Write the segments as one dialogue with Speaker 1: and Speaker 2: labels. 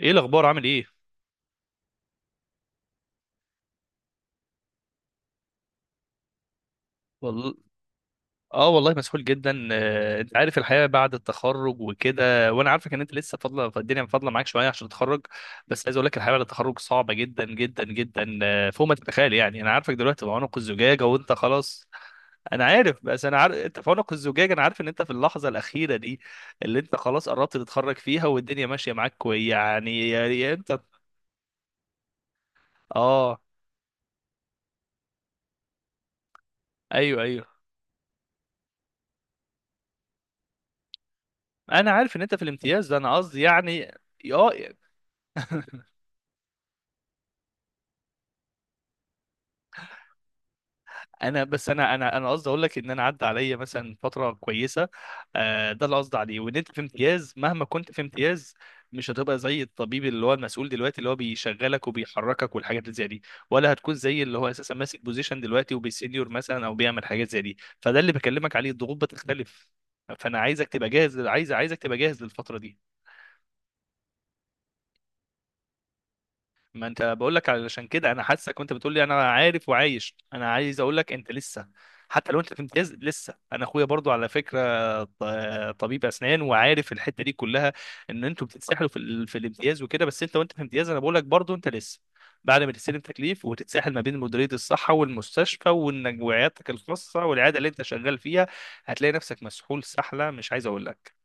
Speaker 1: ايه الاخبار، عامل ايه؟ والله. اه والله مسحول جدا، انت عارف الحياه بعد التخرج وكده، وانا عارفك ان انت لسه الدنيا فاضله معاك شويه عشان تتخرج. بس عايز اقول لك الحياه بعد التخرج صعبه جدا جدا جدا، فوق ما تتخيل. يعني انا عارفك دلوقتي في عنق الزجاجه وانت خلاص. انا عارف، بس انا عارف انت في عنق الزجاجه. انا عارف ان انت في اللحظه الاخيره دي، اللي انت خلاص قربت تتخرج فيها، والدنيا ماشيه معاك كويس. يعني انت. اه، ايوه، ايوه. انا عارف ان انت في الامتياز ده، انا قصدي يعني. اه انا بس انا قصدي اقول لك ان انا عدى عليا مثلا فتره كويسه. ده اللي قصدي عليه. وان انت في امتياز، مهما كنت في امتياز، مش هتبقى زي الطبيب اللي هو المسؤول دلوقتي، اللي هو بيشغلك وبيحركك والحاجات اللي زي دي. ولا هتكون زي اللي هو اساسا ماسك بوزيشن دلوقتي وبيسينيور مثلا، او بيعمل حاجات زي دي. فده اللي بكلمك عليه، الضغوط بتختلف. فانا عايزك تبقى جاهز للفتره دي. ما انت بقول لك علشان كده. انا حاسك وانت بتقول لي انا عارف وعايش، انا عايز اقول لك انت لسه، حتى لو انت في امتياز لسه، انا اخويا برضو على فكره. ط- طبيب اسنان وعارف الحته دي كلها، ان انتوا بتتسحلوا في الامتياز وكده. بس انت، وانت في امتياز، انا بقول لك برضو انت لسه، بعد ما تستلم تكليف وتتسحل ما بين مديريه الصحه والمستشفى، وانك وعيادتك الخاصه والعياده اللي انت شغال فيها، هتلاقي نفسك مسحول سحله مش عايز اقول لك.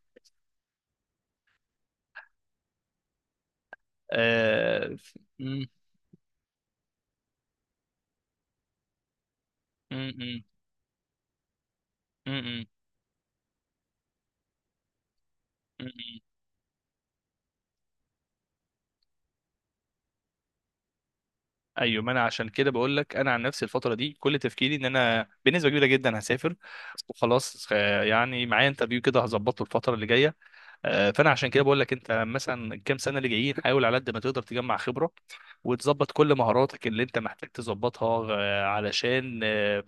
Speaker 1: آه... ف- م- م- م- م- م- ايوه، ما انا عشان كده بقول لك. انا عن نفسي الفتره دي كل تفكيري ان انا بنسبه كبيره جدا هسافر وخلاص. يعني معايا انترفيو كده هظبطه الفتره اللي جايه. فانا عشان كده بقول لك، انت مثلا الكام سنه اللي جايين، حاول على قد ما تقدر تجمع خبره وتظبط كل مهاراتك اللي انت محتاج تظبطها، علشان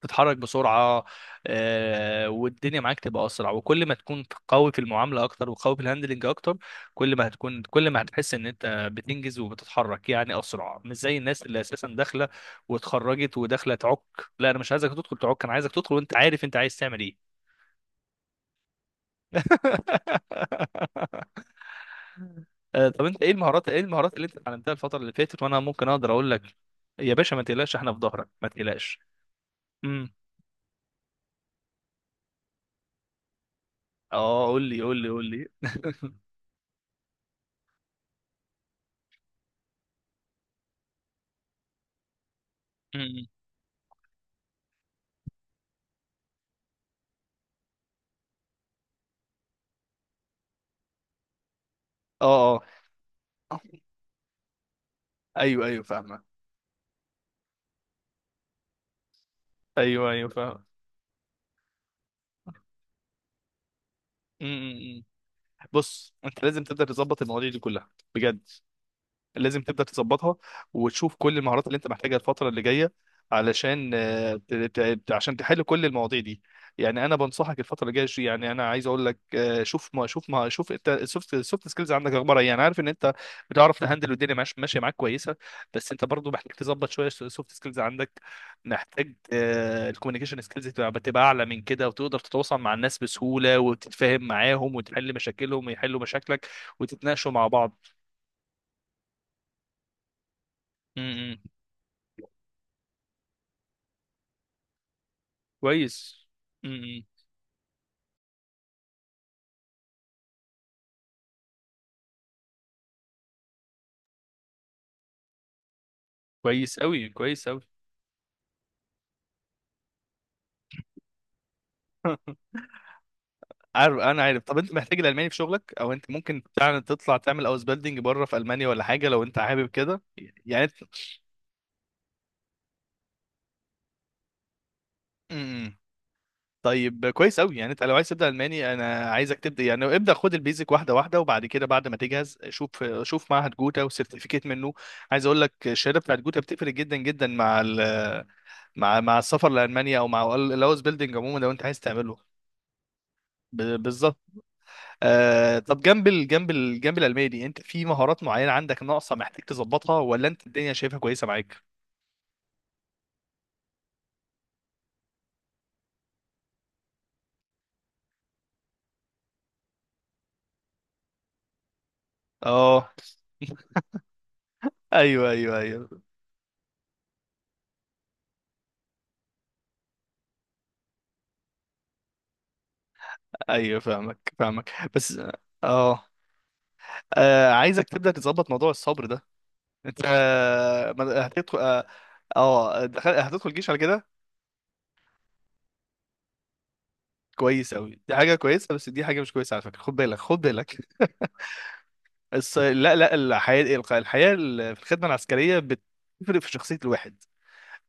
Speaker 1: تتحرك بسرعه. والدنيا معاك تبقى اسرع. وكل ما تكون قوي في المعامله اكتر وقوي في الهاندلنج اكتر، كل ما هتحس ان انت بتنجز وبتتحرك يعني اسرع، مش زي الناس اللي اساسا داخله واتخرجت وداخله تعك. لا، انا مش عايزك تدخل تعك، انا عايزك تدخل وانت عارف انت عايز تعمل ايه. طب انت ايه المهارات اللي انت اتعلمتها الفتره اللي فاتت، وانا ممكن اقدر اقول لك. يا باشا، ما تقلقش، احنا في ظهرك، ما تقلقش. امم اه، قول لي قول لي قول لي. امم اه، ايوه، ايوه، فاهمه. ايوه، ايوه، فاهمه. م- م- م. بص، انت لازم تبدا تظبط المواضيع دي كلها بجد. لازم تبدا تظبطها وتشوف كل المهارات اللي انت محتاجها الفتره اللي جايه، علشان آه، ت- ت- عشان تحل كل المواضيع دي. يعني انا بنصحك الفتره اللي جايه، يعني انا عايز اقول لك، شوف ما شوف ما شوف انت السوفت سكيلز عندك اخبارها ايه. يعني عارف ان انت بتعرف تهندل، والدنيا ماشيه معاك كويسه، بس انت برضو محتاج تظبط شويه السوفت سكيلز عندك. محتاج الكوميونيكيشن سكيلز تبقى اعلى من كده، وتقدر تتواصل مع الناس بسهوله، وتتفاهم معاهم وتحل مشاكلهم ويحلوا مشاكلك، وتتناقشوا مع بعض. م- م. كويس. امم كويس قوي، كويس قوي. انا عارف. طب انت محتاج الالماني في شغلك؟ او انت ممكن فعلا تطلع تعمل اوس بيلدينج بره في المانيا ولا حاجه لو انت حابب كده؟ يعني انت. إمم. طيب، كويس قوي. يعني انت لو عايز تبدا الماني، انا عايزك تبدا يعني ابدا خد البيزك واحده واحده، وبعد كده بعد ما تجهز شوف معهد جوتا وسيرتيفيكيت منه. عايز اقول لك الشهاده بتاعت جوتا بتفرق جدا جدا مع السفر لالمانيا، او مع الاوس بيلدينج عموما لو انت عايز تعمله. بالظبط. طب جنب العلمية دي، انت في مهارات معينة عندك ناقصة محتاج تظبطها، ولا انت الدنيا شايفها كويسة معاك؟ اه، ايوه، ايوه، ايوه، ايوه، فاهمك، فاهمك. بس اه عايزك تبدأ تظبط موضوع الصبر ده. انت هتدخل. هتدخل جيش على كده. كويس قوي، دي حاجة كويسة، بس دي حاجة مش كويسة على فكرة، خد بالك، خد بالك. لا، لا، الحياة في الخدمة العسكرية بتفرق في شخصية الواحد،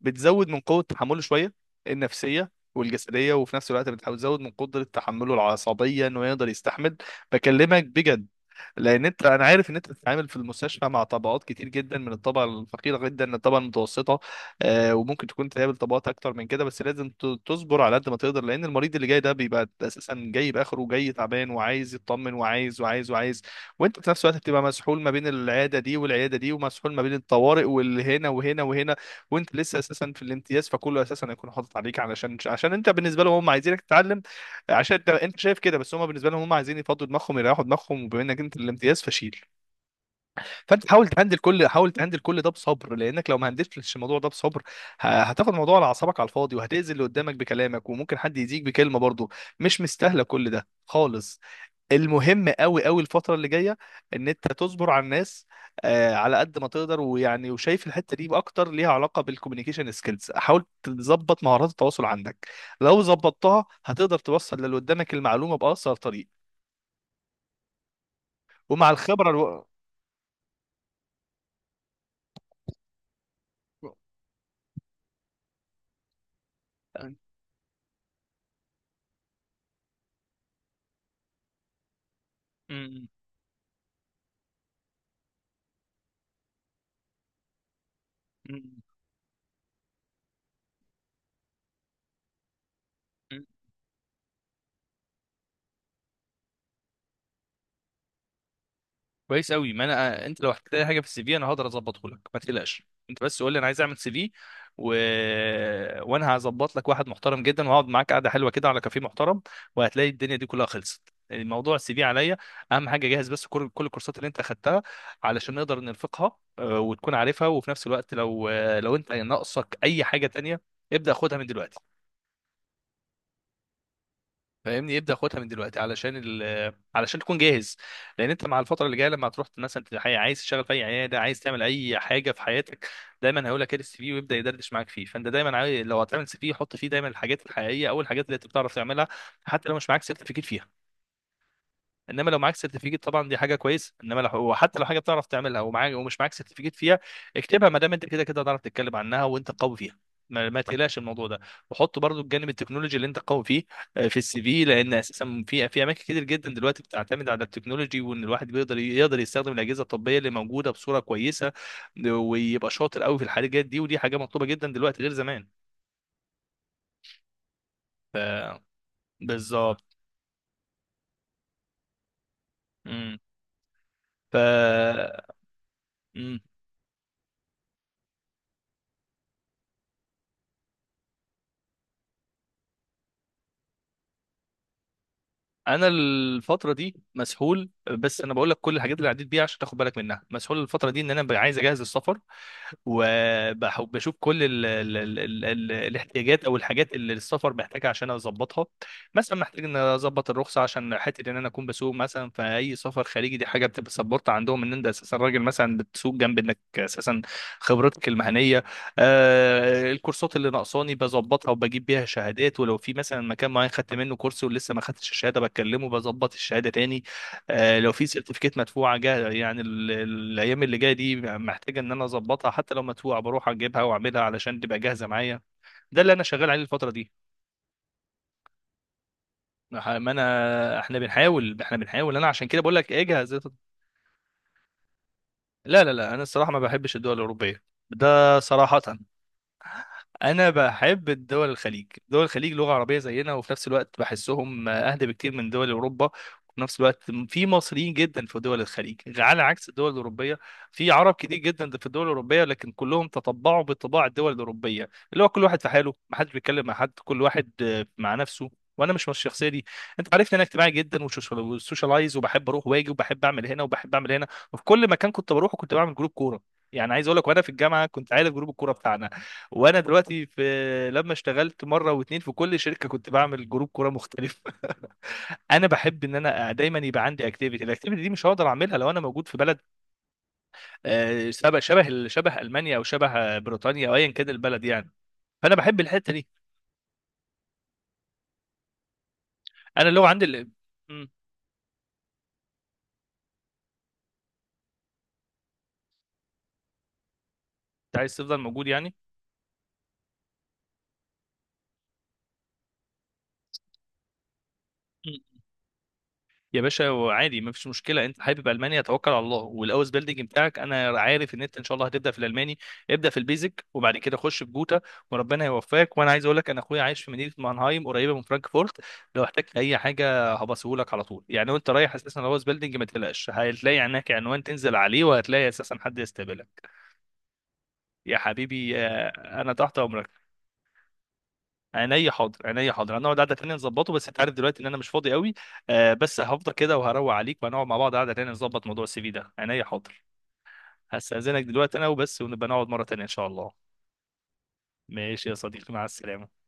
Speaker 1: بتزود من قوة تحمله شوية، النفسية والجسدية، وفي نفس الوقت بتحاول تزود من قدرة تحمله العصبية انه يقدر يستحمل. بكلمك بجد. لان انا عارف ان انت بتتعامل في المستشفى مع طبقات كتير جدا، من الطبقه الفقيره جدا للطبقه المتوسطه. وممكن تكون تقابل طبقات اكتر من كده، بس لازم تصبر على قد ما تقدر. لان المريض اللي جاي ده بيبقى اساسا جاي باخره، وجاي تعبان وعايز يطمن، وعايز وعايز وعايز. وانت في نفس الوقت بتبقى مسحول ما بين العياده دي والعياده دي، ومسحول ما بين الطوارئ واللي هنا وهنا وهنا. وانت لسه اساسا في الامتياز، فكله اساسا هيكون حاطط عليك، عشان انت بالنسبه لهم هم عايزينك تتعلم، عشان انت شايف كده. بس هم بالنسبه لهم هم عايزين يفضوا دماغهم، يريحوا دماغهم. وبما انك انت الامتياز فشيل، فانت حاول تهندل كل ده بصبر. لانك لو ما هندلتش الموضوع ده بصبر، هتاخد الموضوع على اعصابك على الفاضي، وهتاذي اللي قدامك بكلامك، وممكن حد يزيك بكلمه برضه. مش مستاهله كل ده خالص. المهم قوي قوي الفترة اللي جاية، ان انت تصبر على الناس على قد ما تقدر. ويعني، وشايف الحتة دي اكتر ليها علاقة بالكوميونيكيشن سكيلز، حاول تظبط مهارات التواصل عندك. لو ظبطتها هتقدر توصل للي قدامك المعلومة بأسرع طريق. ومع الخبرة مم. مم. كويس قوي. ما انا انت لو احتجت اي حاجه في السي في، انا هقدر اظبطه لك، ما تقلقش. انت بس قول لي انا عايز اعمل سي في، و... وانا هظبط لك واحد محترم جدا، وهقعد معاك قعده حلوه كده على كافيه محترم، وهتلاقي الدنيا دي كلها خلصت. الموضوع السي في عليا. اهم حاجه جهز بس كل الكورسات اللي انت اخدتها علشان نقدر نرفقها، وتكون عارفها. وفي نفس الوقت لو لو انت ناقصك اي حاجه تانية، ابدا خدها من دلوقتي. فاهمني، يبدا ياخدها من دلوقتي علشان تكون جاهز. لان انت مع الفتره اللي جايه، لما تروح مثلا عايز تشتغل في اي عياده، عايز تعمل اي حاجه في حياتك، دايما هيقول لك ايه السي في، ويبدا يدردش معاك فيه. فانت دايما عايز، لو هتعمل سي في حط فيه دايما الحاجات الحقيقيه، او الحاجات اللي انت بتعرف تعملها حتى لو مش معاك سيرتيفيكيت فيها. انما لو معاك سيرتيفيكت طبعا دي حاجه كويسه. انما لو وحتى لو حاجه بتعرف تعملها ومعاك ومش معاك سيرتيفيكت فيها، اكتبها، ما دام انت كده كده هتعرف تتكلم عنها وانت قوي فيها. ما تقلقش من الموضوع ده. وحط برضو الجانب التكنولوجي اللي انت قوي فيه في السي في. لان اساسا في اماكن كتير جدا دلوقتي بتعتمد على التكنولوجي، وان الواحد بيقدر يستخدم الاجهزه الطبيه اللي موجوده بصوره كويسه، ويبقى شاطر قوي في الحاجات دي. ودي حاجه مطلوبه جدا دلوقتي، غير زمان. ف بالظبط. امم ف مم. انا الفتره دي مسحول، بس انا بقول لك كل الحاجات اللي عديت بيها عشان تاخد بالك منها. مسحول الفتره دي ان انا عايز اجهز السفر، وبشوف كل ال ال ال ال ال الاحتياجات او الحاجات اللي السفر محتاجها عشان اظبطها. مثلا محتاج ان اظبط الرخصه عشان حته ان انا اكون بسوق مثلا في اي سفر خارجي. دي حاجه بتبقى سبورت عندهم ان انت اساسا راجل مثلا بتسوق، جنب انك اساسا خبرتك المهنيه. الكورسات اللي ناقصاني بظبطها وبجيب بيها شهادات. ولو في مثلا مكان معين خدت منه كورس ولسه ما خدتش الشهاده، بكلمه بظبط الشهاده تاني. لو في سيرتيفيكات مدفوعه جاهزه، يعني الايام اللي جايه دي محتاجه ان انا اظبطها، حتى لو مدفوعه بروح اجيبها واعملها علشان تبقى جاهزه معايا. ده اللي انا شغال عليه الفتره دي. ما انا احنا بنحاول، احنا بنحاول، انا عشان كده بقول لك اجهز. لا، لا، لا، انا الصراحه ما بحبش الدول الاوروبيه. ده صراحه. انا بحب الدول الخليج دول الخليج لغه عربيه زينا، وفي نفس الوقت بحسهم اهدى بكتير من دول اوروبا. وفي نفس الوقت في مصريين جدا في دول الخليج، على عكس الدول الاوروبيه. في عرب كتير جدا في الدول الاوروبيه، لكن كلهم تطبعوا بطباع الدول الاوروبيه، اللي هو كل واحد في حاله، ما حدش بيتكلم مع حد، كل واحد مع نفسه. وانا مش من الشخصيه دي. انت عارفني انا اجتماعي جدا، وسوشيالايز، وبحب اروح واجي، وبحب اعمل هنا وبحب اعمل هنا. وفي كل مكان كنت بروحه كنت بعمل جروب كوره. يعني عايز اقول لك، وانا في الجامعه كنت عارف جروب الكوره بتاعنا. وانا دلوقتي في. لما اشتغلت مره واتنين في كل شركه كنت بعمل جروب كوره مختلف. انا بحب ان انا دايما يبقى عندي اكتيفيتي. الاكتيفيتي دي مش هقدر اعملها لو انا موجود في بلد شبه المانيا، او شبه بريطانيا، او ايا كان البلد يعني. فانا بحب الحته دي. انا اللغه عندي مم. انت عايز تفضل موجود يعني؟ يا باشا، وعادي، ما فيش مشكله. انت حابب المانيا، توكل على الله والاوس بيلدينج بتاعك. انا عارف ان انت ان شاء الله هتبدا في الالماني. ابدا في البيزك، وبعد كده خش في جوتا، وربنا يوفقك. وانا عايز اقول لك، انا اخويا عايش في مدينه مانهايم، قريبه من فرانكفورت. لو احتجت اي حاجه هبصهولك على طول. يعني وانت رايح اساسا الاوس بيلدينج ما تقلقش، هتلاقي هناك عنوان تنزل عليه، وهتلاقي اساسا حد يستقبلك. يا حبيبي. انا تحت امرك. عينيا حاضر، عينيا حاضر، هنقعد قعده تانيه نظبطه، بس انت عارف دلوقتي ان انا مش فاضي قوي. بس هفضل كده وهروق عليك، وهنقعد مع بعض قعده تانيه نظبط موضوع السي في ده. عينيا حاضر. هستأذنك دلوقتي انا وبس، ونبقى نقعد مره تانيه ان شاء الله. ماشي يا صديقي، مع السلامه.